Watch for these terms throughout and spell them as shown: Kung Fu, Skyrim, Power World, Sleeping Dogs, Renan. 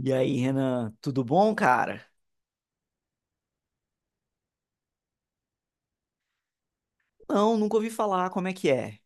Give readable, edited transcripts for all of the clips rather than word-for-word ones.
E aí, Renan, tudo bom, cara? Não, nunca ouvi falar, como é que é?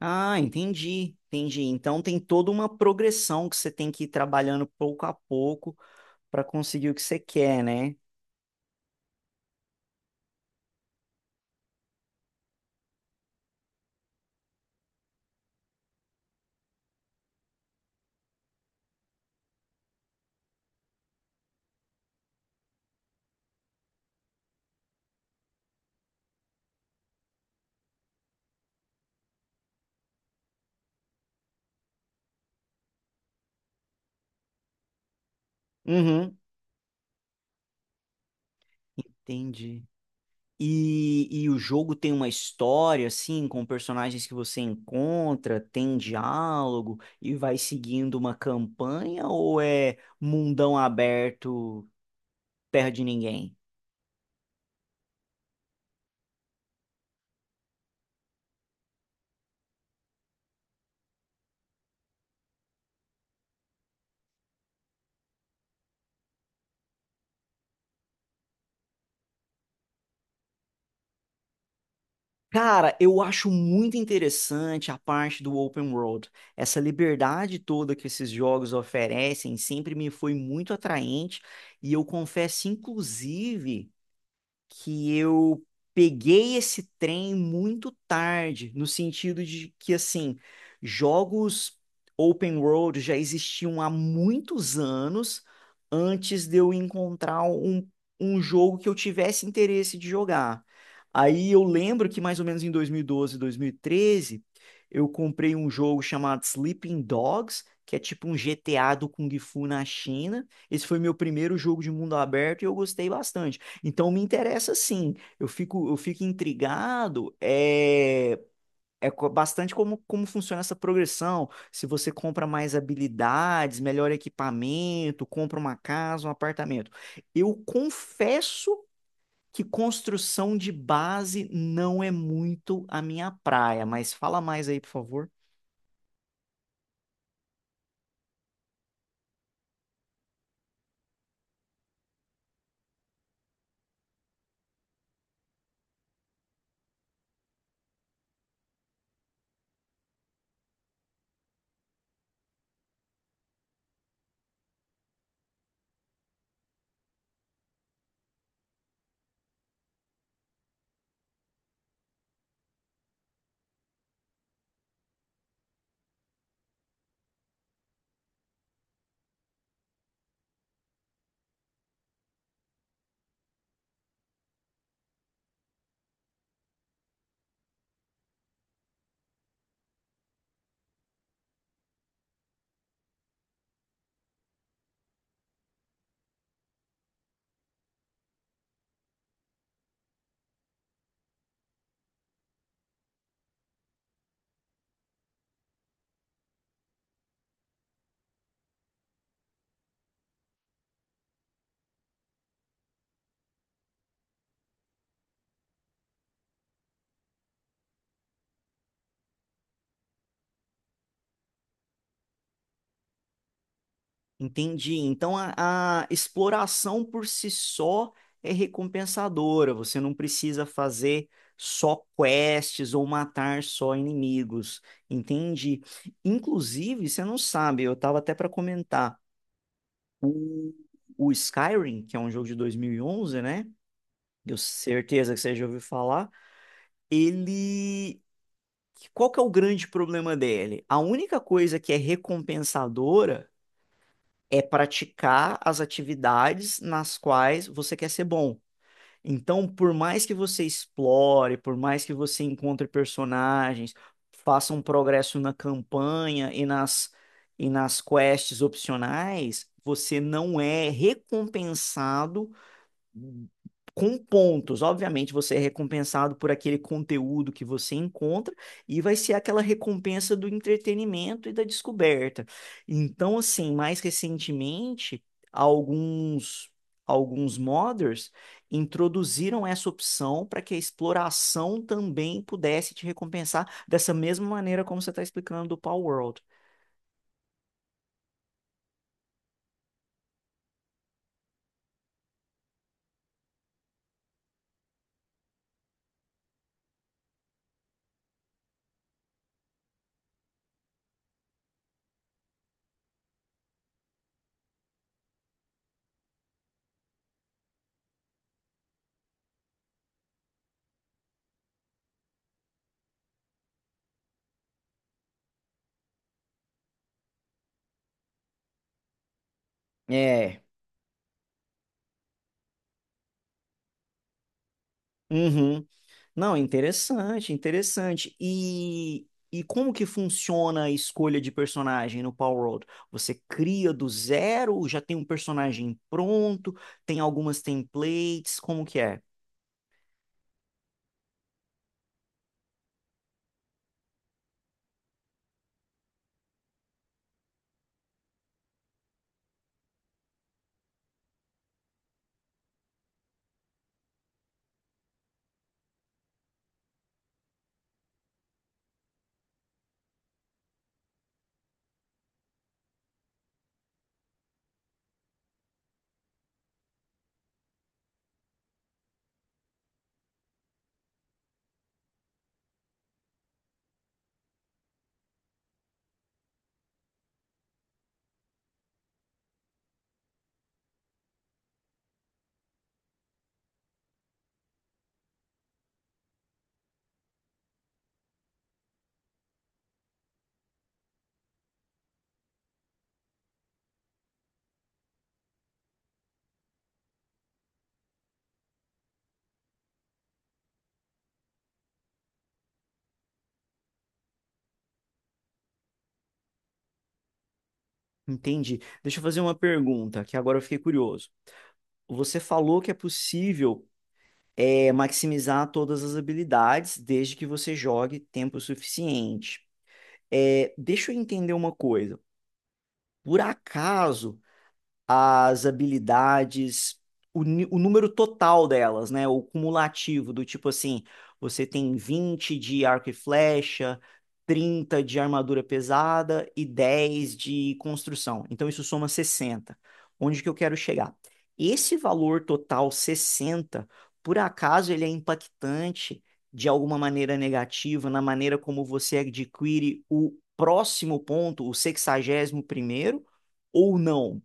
Ah, entendi, entendi. Então tem toda uma progressão que você tem que ir trabalhando pouco a pouco para conseguir o que você quer, né? Uhum, entendi. E o jogo tem uma história, assim, com personagens que você encontra, tem diálogo e vai seguindo uma campanha ou é mundão aberto, terra de ninguém? Cara, eu acho muito interessante a parte do open world. Essa liberdade toda que esses jogos oferecem sempre me foi muito atraente e eu confesso, inclusive que eu peguei esse trem muito tarde, no sentido de que, assim, jogos open world já existiam há muitos anos antes de eu encontrar um jogo que eu tivesse interesse de jogar. Aí eu lembro que mais ou menos em 2012, 2013, eu comprei um jogo chamado Sleeping Dogs, que é tipo um GTA do Kung Fu na China. Esse foi meu primeiro jogo de mundo aberto e eu gostei bastante. Então me interessa sim. Eu fico intrigado. Bastante como, como funciona essa progressão. Se você compra mais habilidades, melhor equipamento, compra uma casa, um apartamento. Eu confesso que construção de base não é muito a minha praia, mas fala mais aí, por favor. Entendi. Então a exploração por si só é recompensadora. Você não precisa fazer só quests ou matar só inimigos. Entendi. Inclusive, você não sabe, eu estava até para comentar, o, o Skyrim, que é um jogo de 2011, né? Eu certeza que você já ouviu falar. Ele. Qual que é o grande problema dele? A única coisa que é recompensadora é praticar as atividades nas quais você quer ser bom. Então, por mais que você explore, por mais que você encontre personagens, faça um progresso na campanha e nas quests opcionais, você não é recompensado com pontos. Obviamente, você é recompensado por aquele conteúdo que você encontra e vai ser aquela recompensa do entretenimento e da descoberta. Então, assim, mais recentemente, alguns alguns modders introduziram essa opção para que a exploração também pudesse te recompensar dessa mesma maneira como você está explicando do Power World. É. Uhum. Não, interessante, interessante. E como que funciona a escolha de personagem no Power World? Você cria do zero, já tem um personagem pronto, tem algumas templates, como que é? Entendi. Deixa eu fazer uma pergunta, que agora eu fiquei curioso. Você falou que é possível maximizar todas as habilidades desde que você jogue tempo suficiente. É, deixa eu entender uma coisa. Por acaso as habilidades, o número total delas, né? O cumulativo, do tipo assim, você tem 20 de arco e flecha, 30 de armadura pesada e 10 de construção. Então isso soma 60. Onde que eu quero chegar? Esse valor total 60, por acaso ele é impactante de alguma maneira negativa na maneira como você adquire o próximo ponto, o sexagésimo primeiro, ou não?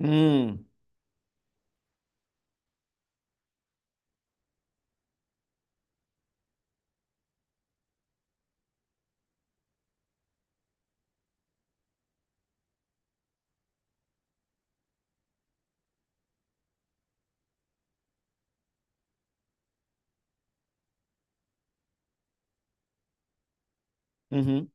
Hum, uhum,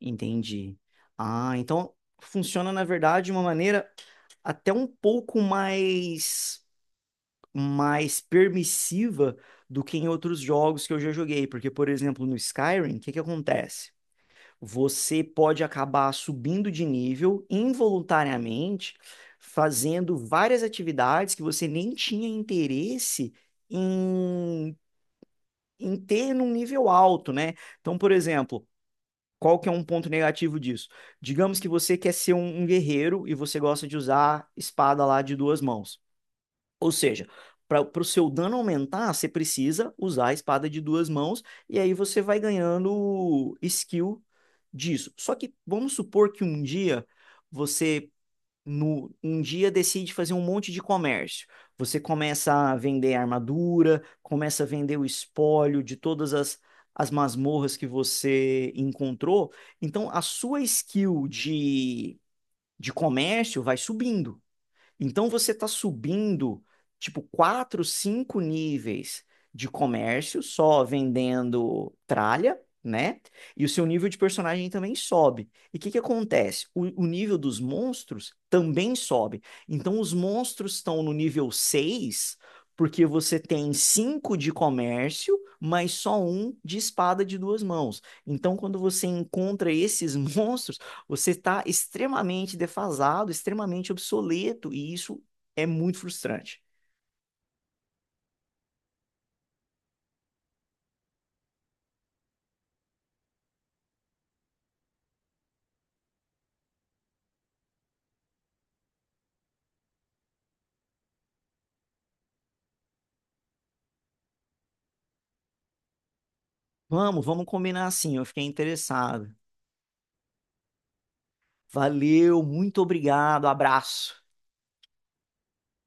entendi. Ah, então funciona, na verdade, de uma maneira até um pouco mais, mais permissiva do que em outros jogos que eu já joguei. Porque, por exemplo, no Skyrim, o que que acontece? Você pode acabar subindo de nível involuntariamente, fazendo várias atividades que você nem tinha interesse em, em ter num nível alto, né? Então, por exemplo. Qual que é um ponto negativo disso? Digamos que você quer ser um guerreiro e você gosta de usar espada lá de duas mãos. Ou seja, para o seu dano aumentar, você precisa usar a espada de duas mãos e aí você vai ganhando skill disso. Só que vamos supor que um dia você no, um dia decide fazer um monte de comércio. Você começa a vender armadura, começa a vender o espólio de todas as masmorras que você encontrou. Então, a sua skill de comércio vai subindo. Então você está subindo tipo quatro, cinco níveis de comércio só vendendo tralha, né? E o seu nível de personagem também sobe. E o que que acontece? O nível dos monstros também sobe. Então os monstros estão no nível 6 porque você tem cinco de comércio, mas só um de espada de duas mãos. Então quando você encontra esses monstros você está extremamente defasado, extremamente obsoleto, e isso é muito frustrante. Vamos, vamos combinar assim. Eu fiquei interessado. Valeu, muito obrigado, abraço.